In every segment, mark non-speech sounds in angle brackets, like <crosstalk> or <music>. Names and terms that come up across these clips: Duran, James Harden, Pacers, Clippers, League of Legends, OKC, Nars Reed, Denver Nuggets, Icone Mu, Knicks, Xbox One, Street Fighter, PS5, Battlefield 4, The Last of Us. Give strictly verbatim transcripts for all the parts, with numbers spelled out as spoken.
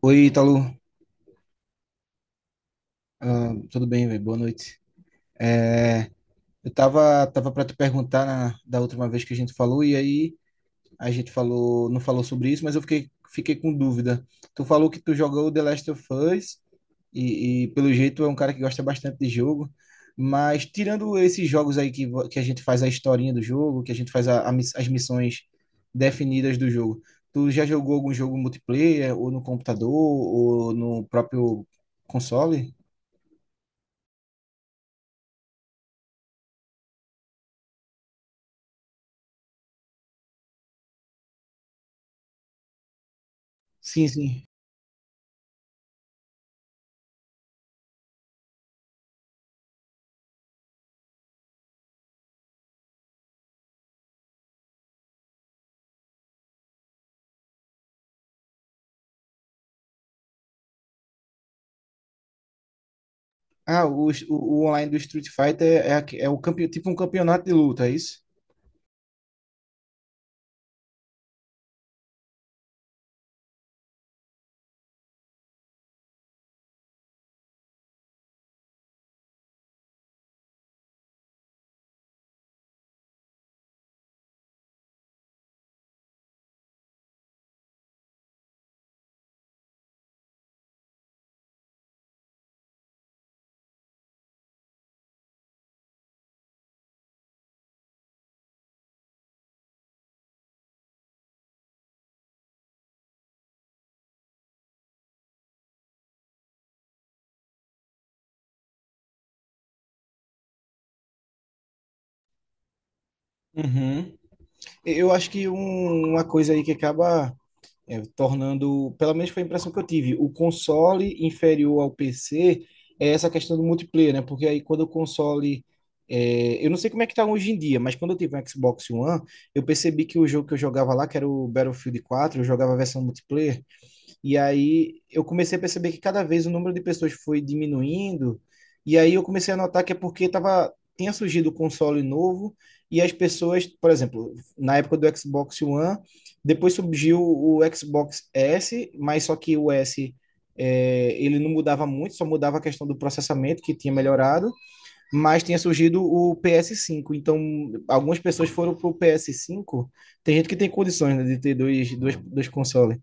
Oi, Ítalo. Ah, tudo bem, velho? Boa noite. É, eu tava, tava para te perguntar na- da última vez que a gente falou, e aí a gente falou, não falou sobre isso, mas eu fiquei, fiquei com dúvida. Tu falou que tu jogou The Last of Us, e, e pelo jeito é um cara que gosta bastante de jogo, mas tirando esses jogos aí que, vo- que a gente faz a historinha do jogo, que a gente faz a- a miss- as missões definidas do jogo, tu já jogou algum jogo multiplayer, ou no computador, ou no próprio console? Sim, sim. Ah, o, o, o online do Street Fighter é, aque- é o campe- tipo um campeonato de luta, é isso? Uhum. Eu acho que um- uma coisa aí que acaba é, tornando, pelo menos foi a impressão que eu tive, o console inferior ao P C é essa questão do multiplayer, né? Porque aí quando o console. É, eu não sei como é que tá hoje em dia, mas quando eu tive um Xbox One, eu percebi que o jogo que eu jogava lá, que era o Battlefield quatro, eu jogava a versão multiplayer. E aí eu comecei a perceber que cada vez o número de pessoas foi diminuindo, e aí eu comecei a notar que é porque tava, tinha surgido o console novo, e as pessoas, por exemplo, na época do Xbox One, depois surgiu o Xbox S, mas só que o S, é, ele não mudava muito, só mudava a questão do processamento, que tinha melhorado, mas tinha surgido o P S cinco. Então, algumas pessoas foram pro P S cinco. Tem gente que tem condições, né, de ter dois, dois, dois consoles.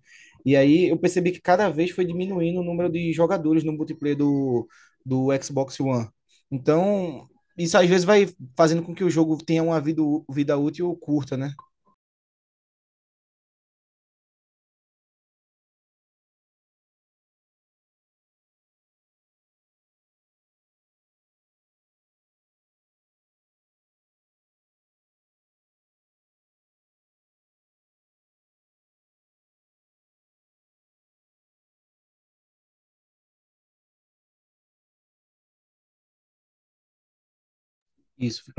E aí eu percebi que cada vez foi diminuindo o número de jogadores no multiplayer do, do Xbox One. Então, isso às vezes vai fazendo com que o jogo tenha uma vida, vida útil curta, né? Isso.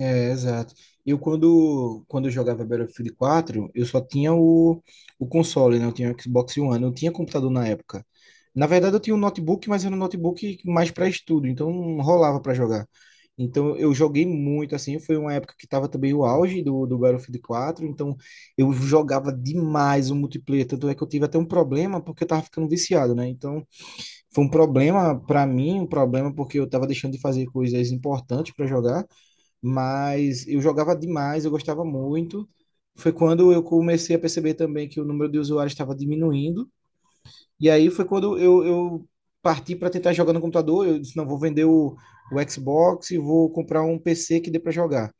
É, exato. Eu quando, quando eu jogava Battlefield quatro, eu só tinha o, o console, né? Eu tinha o Xbox One, eu não tinha computador na época. Na verdade, eu tinha um notebook, mas era um notebook mais para estudo, então não rolava para jogar. Então eu joguei muito assim, foi uma época que tava também o auge do, do Battlefield quatro. Então eu jogava demais o multiplayer, tanto é que eu tive até um problema porque eu tava ficando viciado, né? Então foi um problema para mim, um problema porque eu tava deixando de fazer coisas importantes para jogar, mas eu jogava demais, eu gostava muito. Foi quando eu comecei a perceber também que o número de usuários estava diminuindo. E aí foi quando eu, eu parti para tentar jogar no computador. Eu disse, não, vou vender o, o Xbox e vou comprar um P C que dê para jogar.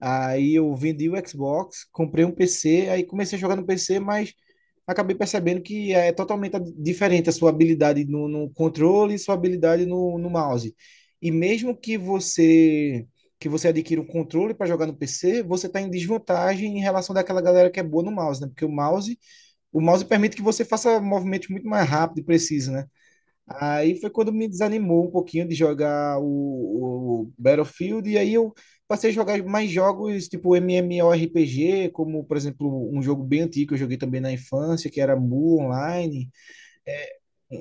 Aí eu vendi o Xbox, comprei um P C, aí comecei a jogar no P C, mas acabei percebendo que é totalmente diferente a sua habilidade no, no controle e sua habilidade no, no mouse. E mesmo que você que você adquira um controle para jogar no P C, você está em desvantagem em relação daquela galera que é boa no mouse, né? Porque o mouse, o mouse permite que você faça movimentos muito mais rápido e preciso, né? Aí foi quando me desanimou um pouquinho de jogar o, o Battlefield, e aí eu passei a jogar mais jogos tipo MMORPG, como por exemplo um jogo bem antigo que eu joguei também na infância, que era Mu Online.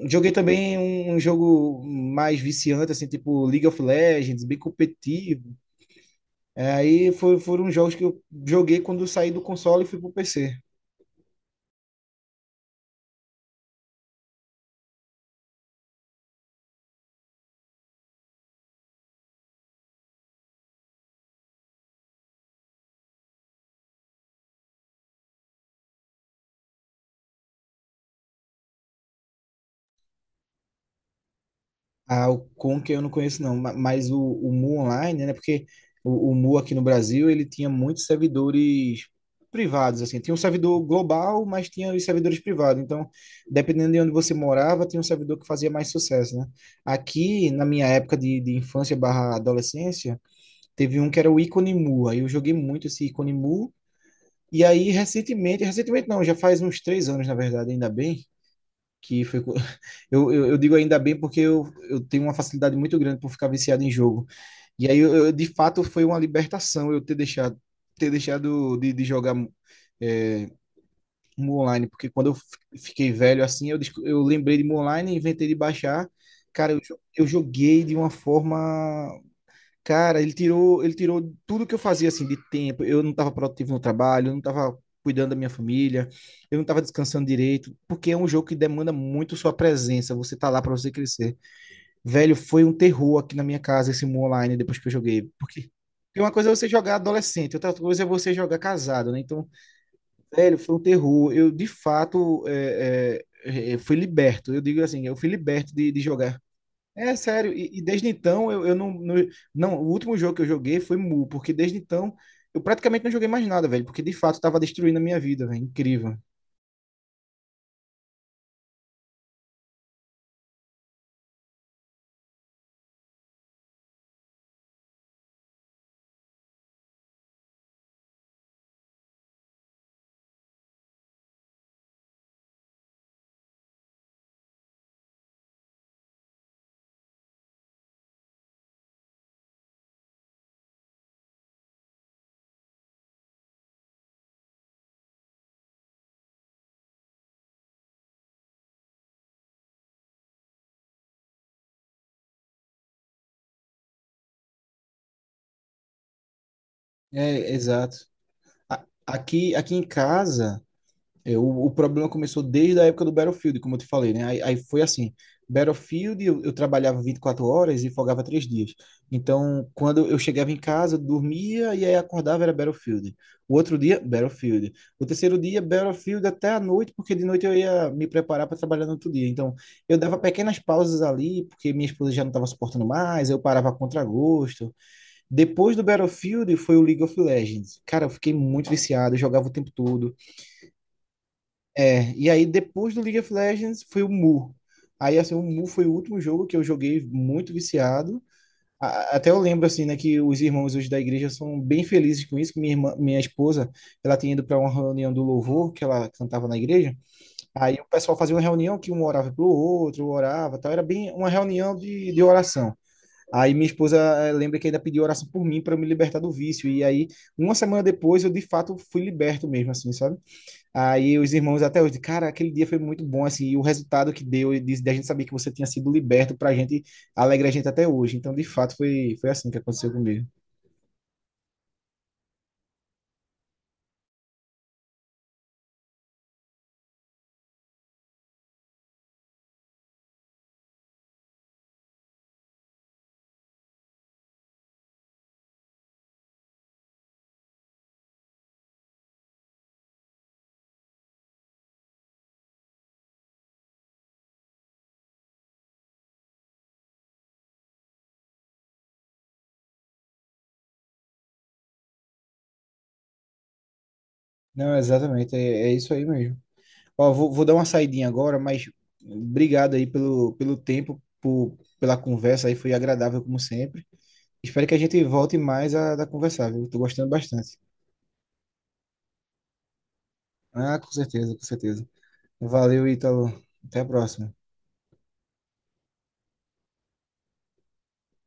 Joguei também um, um jogo mais viciante, assim, tipo League of Legends, bem competitivo. É, aí foi- foram jogos que eu joguei quando eu saí do console e fui pro P C. Ah, o Conker eu não conheço não, ma- mas o, o Mu Online, né? Porque o, o Mu aqui no Brasil, ele tinha muitos servidores privados, assim. Tinha um servidor global, mas tinha os servidores privados. Então, dependendo de onde você morava, tinha um servidor que fazia mais sucesso, né? Aqui, na minha época de, de infância barra adolescência, teve um que era o Icone Mu. Aí eu joguei muito esse Icone Mu. E aí, recentemente, recentemente não, já faz uns três anos, na verdade, ainda bem, que foi. co- <laughs> Eu, eu, eu digo ainda bem porque eu, eu tenho uma facilidade muito grande por ficar viciado em jogo. E aí, eu, eu- de fato, foi uma libertação eu ter deixado, ter deixado de, de jogar é, Mu Online, porque quando eu fi- fiquei velho assim, eu, desco- eu lembrei de Mu Online, inventei de baixar. Cara, eu, jo- eu joguei de uma forma. Cara, ele tirou, ele tirou tudo que eu fazia assim de tempo. Eu não estava produtivo no trabalho, eu não estava cuidando da minha família, eu não estava descansando direito, porque é um jogo que demanda muito sua presença. Você tá lá para você crescer. Velho, foi um terror aqui na minha casa esse Mu Online depois que eu joguei, porque porque uma coisa é você jogar adolescente, outra coisa é você jogar casado, né? Então, velho, foi um terror. Eu de fato é, é, é, fui liberto. Eu digo assim, eu fui liberto de, de jogar. É sério, e, e desde então eu, eu não, não. Não, o último jogo que eu joguei foi Mu, porque desde então eu praticamente não joguei mais nada, velho, porque de fato tava destruindo a minha vida, velho. Incrível. É, exato. A- Aqui, aqui em casa. Eu, o o problema começou desde a época do Battlefield, como eu te falei, né? Aí, aí foi assim, Battlefield eu, eu trabalhava vinte e quatro horas e folgava três dias. Então, quando eu chegava em casa, eu dormia e aí acordava era Battlefield. O outro dia, Battlefield. O terceiro dia, Battlefield até a noite, porque de noite eu ia me preparar para trabalhar no outro dia. Então, eu dava pequenas pausas ali, porque minha esposa já não estava suportando mais, eu parava a contragosto. Depois do Battlefield foi o League of Legends. Cara, eu fiquei muito viciado, eu jogava o tempo todo. É, e aí depois do League of Legends foi o Mu. Aí assim, o Mu foi o último jogo que eu joguei muito viciado. A- Até eu lembro assim, né, que os irmãos hoje da igreja são bem felizes com isso, que minha irmã, minha esposa, ela tinha ido para uma reunião do louvor que ela cantava na igreja. Aí o pessoal fazia uma reunião que um orava pro outro, um orava, tal, era bem uma reunião de, de oração. Aí minha esposa eh, lembra que ainda pediu oração por mim para eu me libertar do vício. E aí, uma semana depois, eu de fato fui liberto mesmo, assim, sabe? Aí os irmãos até hoje, cara, aquele dia foi muito bom, assim, e o resultado que deu, e de, de a gente saber que você tinha sido liberto, pra gente, alegra a gente até hoje. Então, de fato, foi, foi assim que aconteceu comigo. Não, exatamente, é, é isso aí mesmo. Ó, vou, vou dar uma saidinha agora, mas obrigado aí pelo, pelo tempo, por, pela conversa aí, foi agradável como sempre. Espero que a gente volte mais a, a conversar, viu? Tô gostando bastante. Ah, com certeza, com certeza. Valeu, Ítalo. Até a próxima.